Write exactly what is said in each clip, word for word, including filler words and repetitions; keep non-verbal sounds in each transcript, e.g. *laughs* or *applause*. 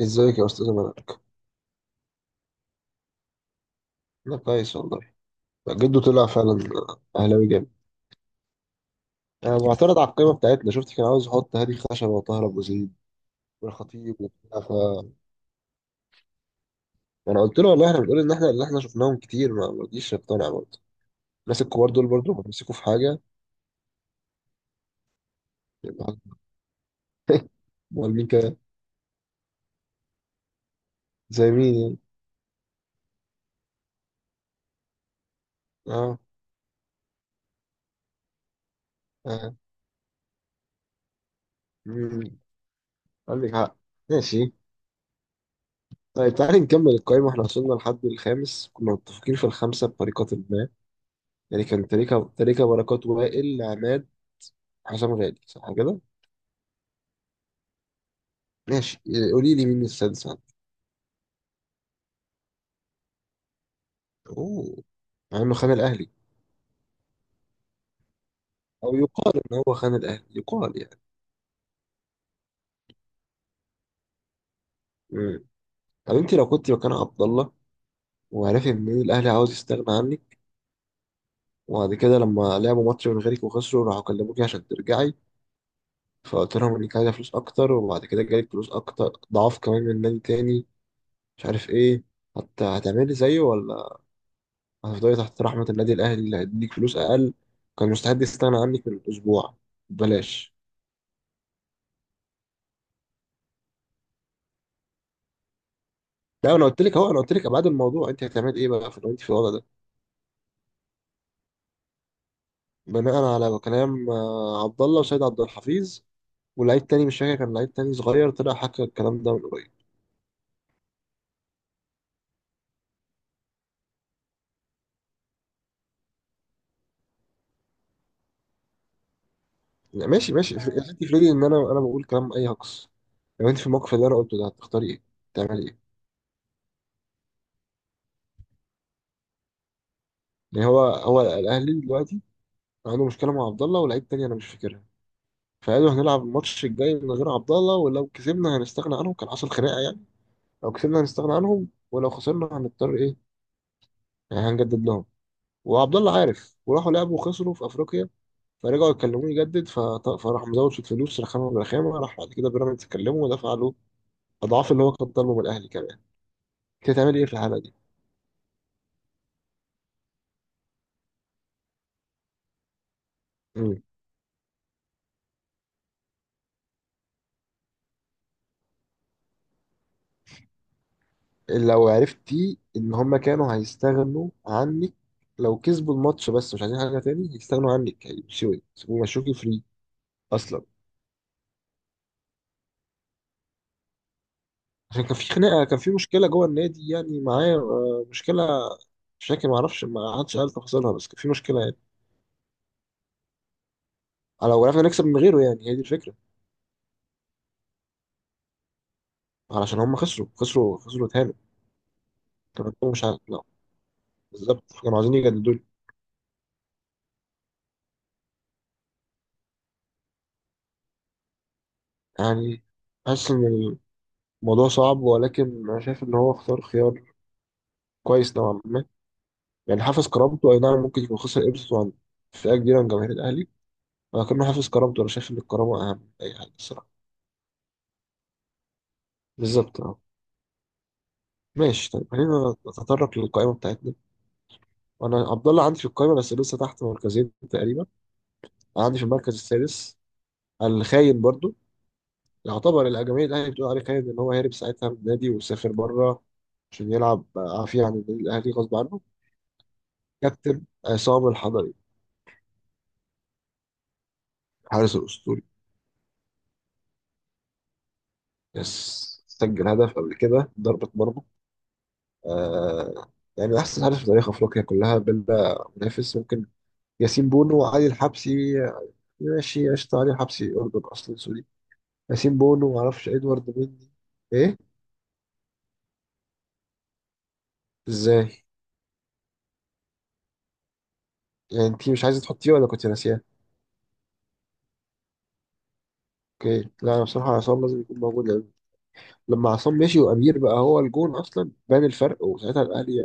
ازيك يا استاذ مالك؟ انا كويس والله. جده طلع فعلا اهلاوي جامد. انا معترض على القائمه بتاعتنا، شفت كان عاوز يحط هادي خشبه وطاهر ابو زيد والخطيب وبتاع. ف انا قلت له والله احنا بنقول ان احنا اللي احنا شفناهم كتير، ما ما رضيش يقتنع برضه. الناس الكبار دول برضه بيمسكوا في حاجه. يبقى *laughs* امال مين كده؟ زي مين يعني؟ اه، اه، مم. عندك حق. ماشي. طيب تعالي نكمل القائمة. احنا وصلنا لحد الخامس، كنا متفقين في الخمسة بطريقة ما. يعني كان تريكة تريكة بركات وائل عماد حسام غالي، صح كده؟ ماشي، قولي لي مين السادس عندك؟ اوه، مع انه خان الاهلي. او يقال ان هو خان الاهلي، يقال يعني. مم. طب انت لو كنت مكان عبد الله، وعرفت ان الاهلي عاوز يستغنى عنك، وبعد كده لما لعبوا ماتش من غيرك وخسروا راحوا كلموكي عشان ترجعي، فقلت لهم انك عايزه فلوس اكتر، وبعد كده جالك فلوس اكتر ضعاف كمان من نادي تاني مش عارف ايه، هت... هتعملي زيه، ولا هتفضلي تحت رحمه النادي الاهلي اللي هيديك فلوس اقل؟ كان مستعد يستغنى عنك من اسبوع ببلاش. لا، انا قلت لك اهو، انا قلت لك ابعاد الموضوع. انت هتعمل ايه بقى، في لو انت في الوضع ده؟ بناء على كلام آه، عبد الله وسيد عبد الحفيظ ولعيب تاني مش فاكر، كان لعيب تاني صغير طلع حكى الكلام ده من قريب. لا، ماشي ماشي آه. انت افرضي ان انا انا بقول كلام اي هجص. لو انت في الموقف اللي انا قلته ده هتختاري ايه؟ تعملي ايه؟ يعني هو هو الاهلي دلوقتي عنده مشكله مع عبد الله ولاعيب تاني انا مش فاكرها، فقالوا هنلعب الماتش الجاي من غير عبد الله، ولو كسبنا هنستغنى عنهم. كان حصل خناقه يعني. لو كسبنا هنستغنى عنهم، ولو خسرنا هنضطر ايه؟ يعني هنجدد لهم. وعبد الله عارف، وراحوا لعبوا وخسروا في افريقيا، فرجعوا يكلموني يجدد. فط- فراح مزود شويه فلوس، رخامه من رخامه، راح بعد كده بيراميدز كلمه ودفع له اضعاف اللي هو كان طالبه من الاهلي كمان. كنت هتعمل ايه في الحاله دي؟ مم. لو عرفتي ان هم كانوا هيستغنوا عنك لو كسبوا الماتش، بس مش عايزين حاجه تاني هيستغنوا عنك، هيمشوك ويمشوكي فري اصلا. عشان كان في خناقه، كان في مشكله جوه النادي يعني معايا آه، مشكله. مش فاكر، ما اعرفش، ما حدش قال تفاصيلها، بس كان في مشكله يعني. لو عرفنا نكسب من غيره، يعني هي دي الفكره. علشان هم خسروا خسروا خسروا تاني. كانوا مش ع... لا، بالظبط كانوا عايزين يجددوا لي. يعني حاسس ان الموضوع صعب، ولكن انا شايف ان هو اختار خيار كويس نوعا ما. يعني حافظ كرامته، اي نعم ممكن يكون خسر قيمته عن فئه كبيره من جماهير الاهلي، ولكنه حافظ كرامته. انا شايف ان الكرامه اهم من اي حاجه الصراحه. بالظبط اه. ماشي. طيب خلينا نتطرق للقائمه بتاعتنا. وانا عبد الله عندي في القائمه بس لسه تحت مركزين تقريبا. عندي في المركز السادس الخاين برضو، يعتبر الجماهير الاهلي بتقول عليه خالد ان هو هرب ساعتها من النادي وسافر بره عشان يلعب عافيه عن النادي الاهلي غصب عنه. كابتن عصام الحضري، الحارس الاسطوري. يس، سجل هدف قبل كده ضربة مرمى. آه، يعني من احسن حارس في تاريخ افريقيا كلها بلا منافس. ممكن ياسين بونو وعلي الحبسي. ماشي قشطة. علي الحبسي أردن أصلا، سوري. ياسين بونو معرفش، إدوارد مني إيه. إزاي؟ يعني أنت مش عايزة تحطيه ولا كنت ناسياه؟ أوكي. لا أنا بصراحة عصام لازم يكون موجود يعني. لما عصام مشي وامير بقى هو الجون اصلا بان الفرق، وساعتها الاهلي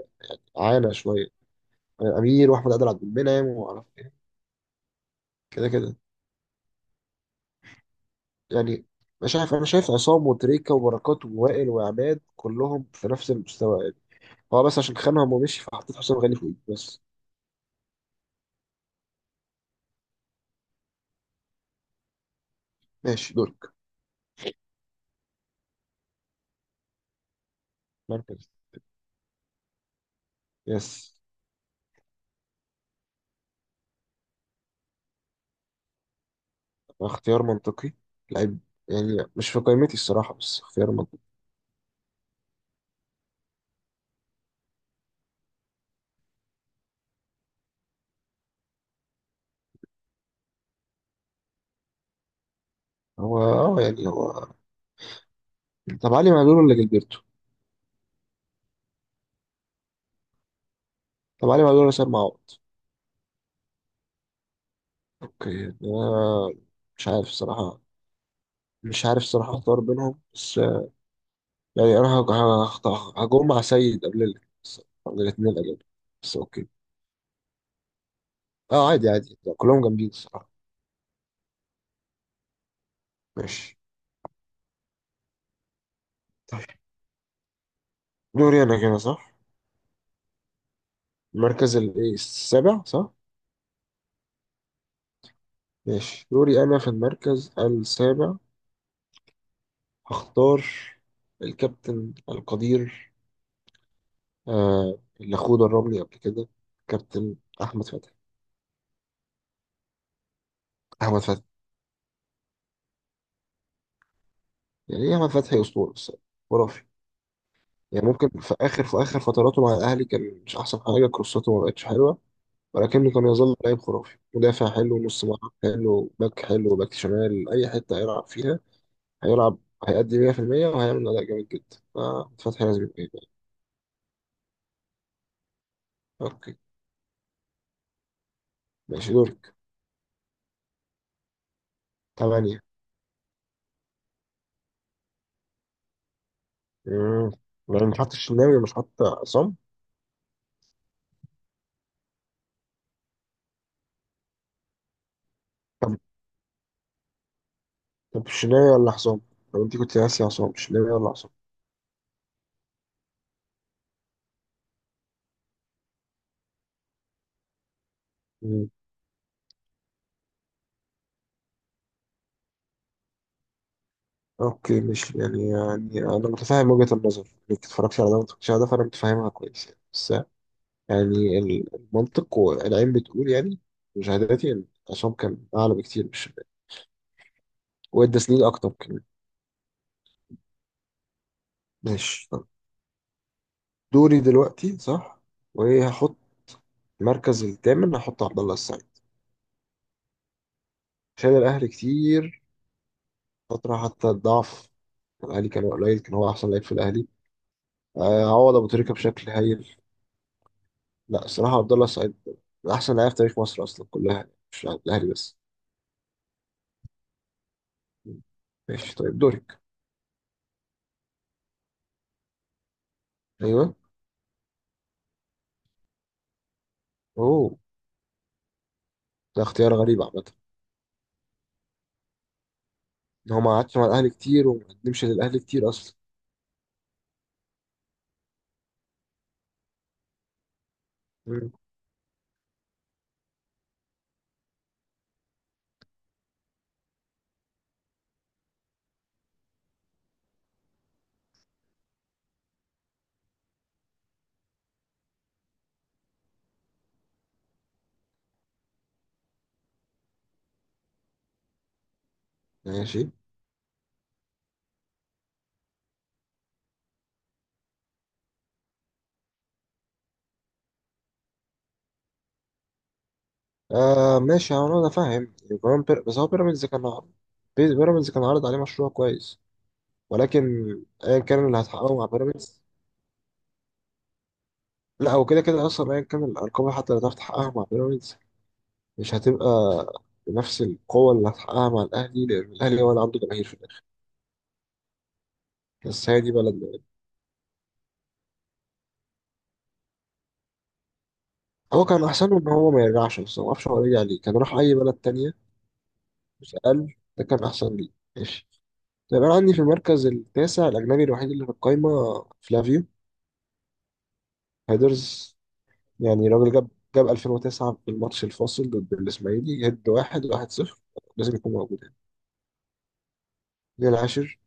عانى شويه. يعني امير واحمد عادل عبد المنعم ومعرفش ايه. كده كده يعني. مش عارف، انا شايف عصام وتريكا وبركات ووائل وعماد كلهم في نفس المستوى يعني. هو بس عشان خانهم ومشي فحطيت حسام غالي فوقيه بس. ماشي دورك. مركز. يس. اختيار منطقي. لعيب، يعني مش في قائمتي الصراحه، بس اختيار منطقي. هو اه يعني هو. طب علي معلول ولا جilberto؟ طب علي معلول ولا سيد معوض؟ اوكي. ده مش عارف الصراحة، مش عارف الصراحة اختار بينهم بس. يعني انا هج- هختار هجوم مع سيد قبل ال- قبل الاتنين اجل. بس اوكي. اه عادي عادي، ده كلهم جامدين الصراحة. ماشي. طيب دوري انا كده صح؟ المركز ال- إيه، السابع صح؟ ماشي دوري انا في المركز السابع. هختار الكابتن القدير، آه اللي اخوه دربني قبل كده، كابتن احمد فتحي. احمد فتحي. يعني ايه؟ احمد فتحي اسطورة الصراحة، خرافي. يعني ممكن في اخر في اخر فتراته مع الاهلي كان مش احسن حاجه، كروساته ما بقتش حلوه، ولكنه كان يظل لاعب خرافي، مدافع حلو، نص ملعب حلو، باك حلو، باك شمال، اي حته هيلعب فيها هيلعب هيأدي مية في المية وهيعمل اداء جامد جدا. ففتحي لازم يبقى يبقى. اوكي ماشي دورك. تمانية. امم. يعني مش حاطط الشناوي ومش حاطط عصام. طب طب الشناوي ولا عصام؟ طب انت كنت ناسي عصام؟ الشناوي ولا عصام؟ اوكي. مش يعني، يعني انا متفاهم وجهة النظر انك اتفرجتي على ده وما اتفرجتيش على ده، فانا متفاهمها كويس يعني. بس يعني ال- المنطق والعين بتقول يعني. مشاهداتي ان عصام كان اعلى بكتير من الشباب، وادى سنين اكتر كمان. ماشي طب. دوري دلوقتي صح. وايه هحط؟ المركز الثامن هحط عبد الله السعيد. شال الاهلي كتير فترة حتى الضعف. الاهلي كان قليل، كان هو احسن لعيب في الاهلي. آه، عوض ابو تريكة بشكل هايل. لا الصراحة عبد الله السعيد من احسن لعيب في تاريخ مصر اصلا كلها، مش عند الاهلي بس. ماشي طيب دورك. ايوه. اوه ده اختيار غريب عامة. ان هو ما قعدش مع الاهلي كتير وما قدمش للاهلي كتير اصلا. مم. ماشي. آه ماشي انا فاهم. كمان بير- بس هو بيراميدز كان عارض. بي- بيراميدز كان عارض عليه مشروع كويس، ولكن ايا كان اللي هتحققه مع بيراميدز. لا، هو كده كده اصلا ايا كان الارقام حتى اللي هتعرف تحققها مع بيراميدز مش هتبقى بنفس القوة اللي هتحققها مع الاهلي، لان الاهلي هو اللي عنده جماهير في الاخر. بس هي دي بلدنا. هو كان أحسن له إن هو ما يرجعش، بس ما أعرفش هو رجع ليه، كان راح أي بلد تانية. بس قال ده كان أحسن ليه. ماشي. طيب أنا عندي في المركز التاسع الأجنبي الوحيد اللي في القايمة، فلافيو هيدرز. يعني راجل جاب، جاب ألفين وتسعة في الماتش الفاصل ضد الإسماعيلي هيد، واحد واحد صفر. لازم يكون موجود يعني. ليه العاشر؟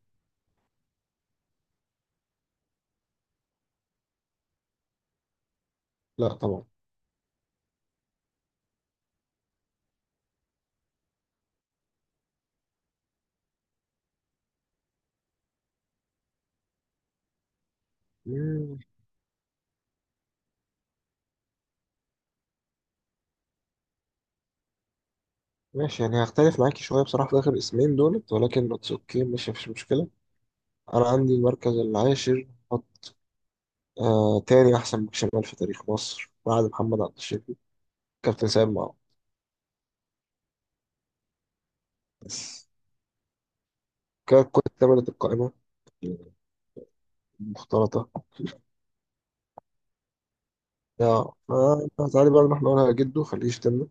لا طبعا. مم، ماشي. يعني هختلف معاكي شوية بصراحة في آخر اسمين دولت، ولكن اتس أوكي، مش مفيش مشكلة. أنا عندي المركز العاشر حط آه تاني أحسن باك شمال في تاريخ مصر بعد محمد عبد الشافي، كابتن سيد معاذ. بس كانت كل تمرة القائمة المختلطة يا. فتعالي بقى نروح نقولها لجده خليه يشتمنا.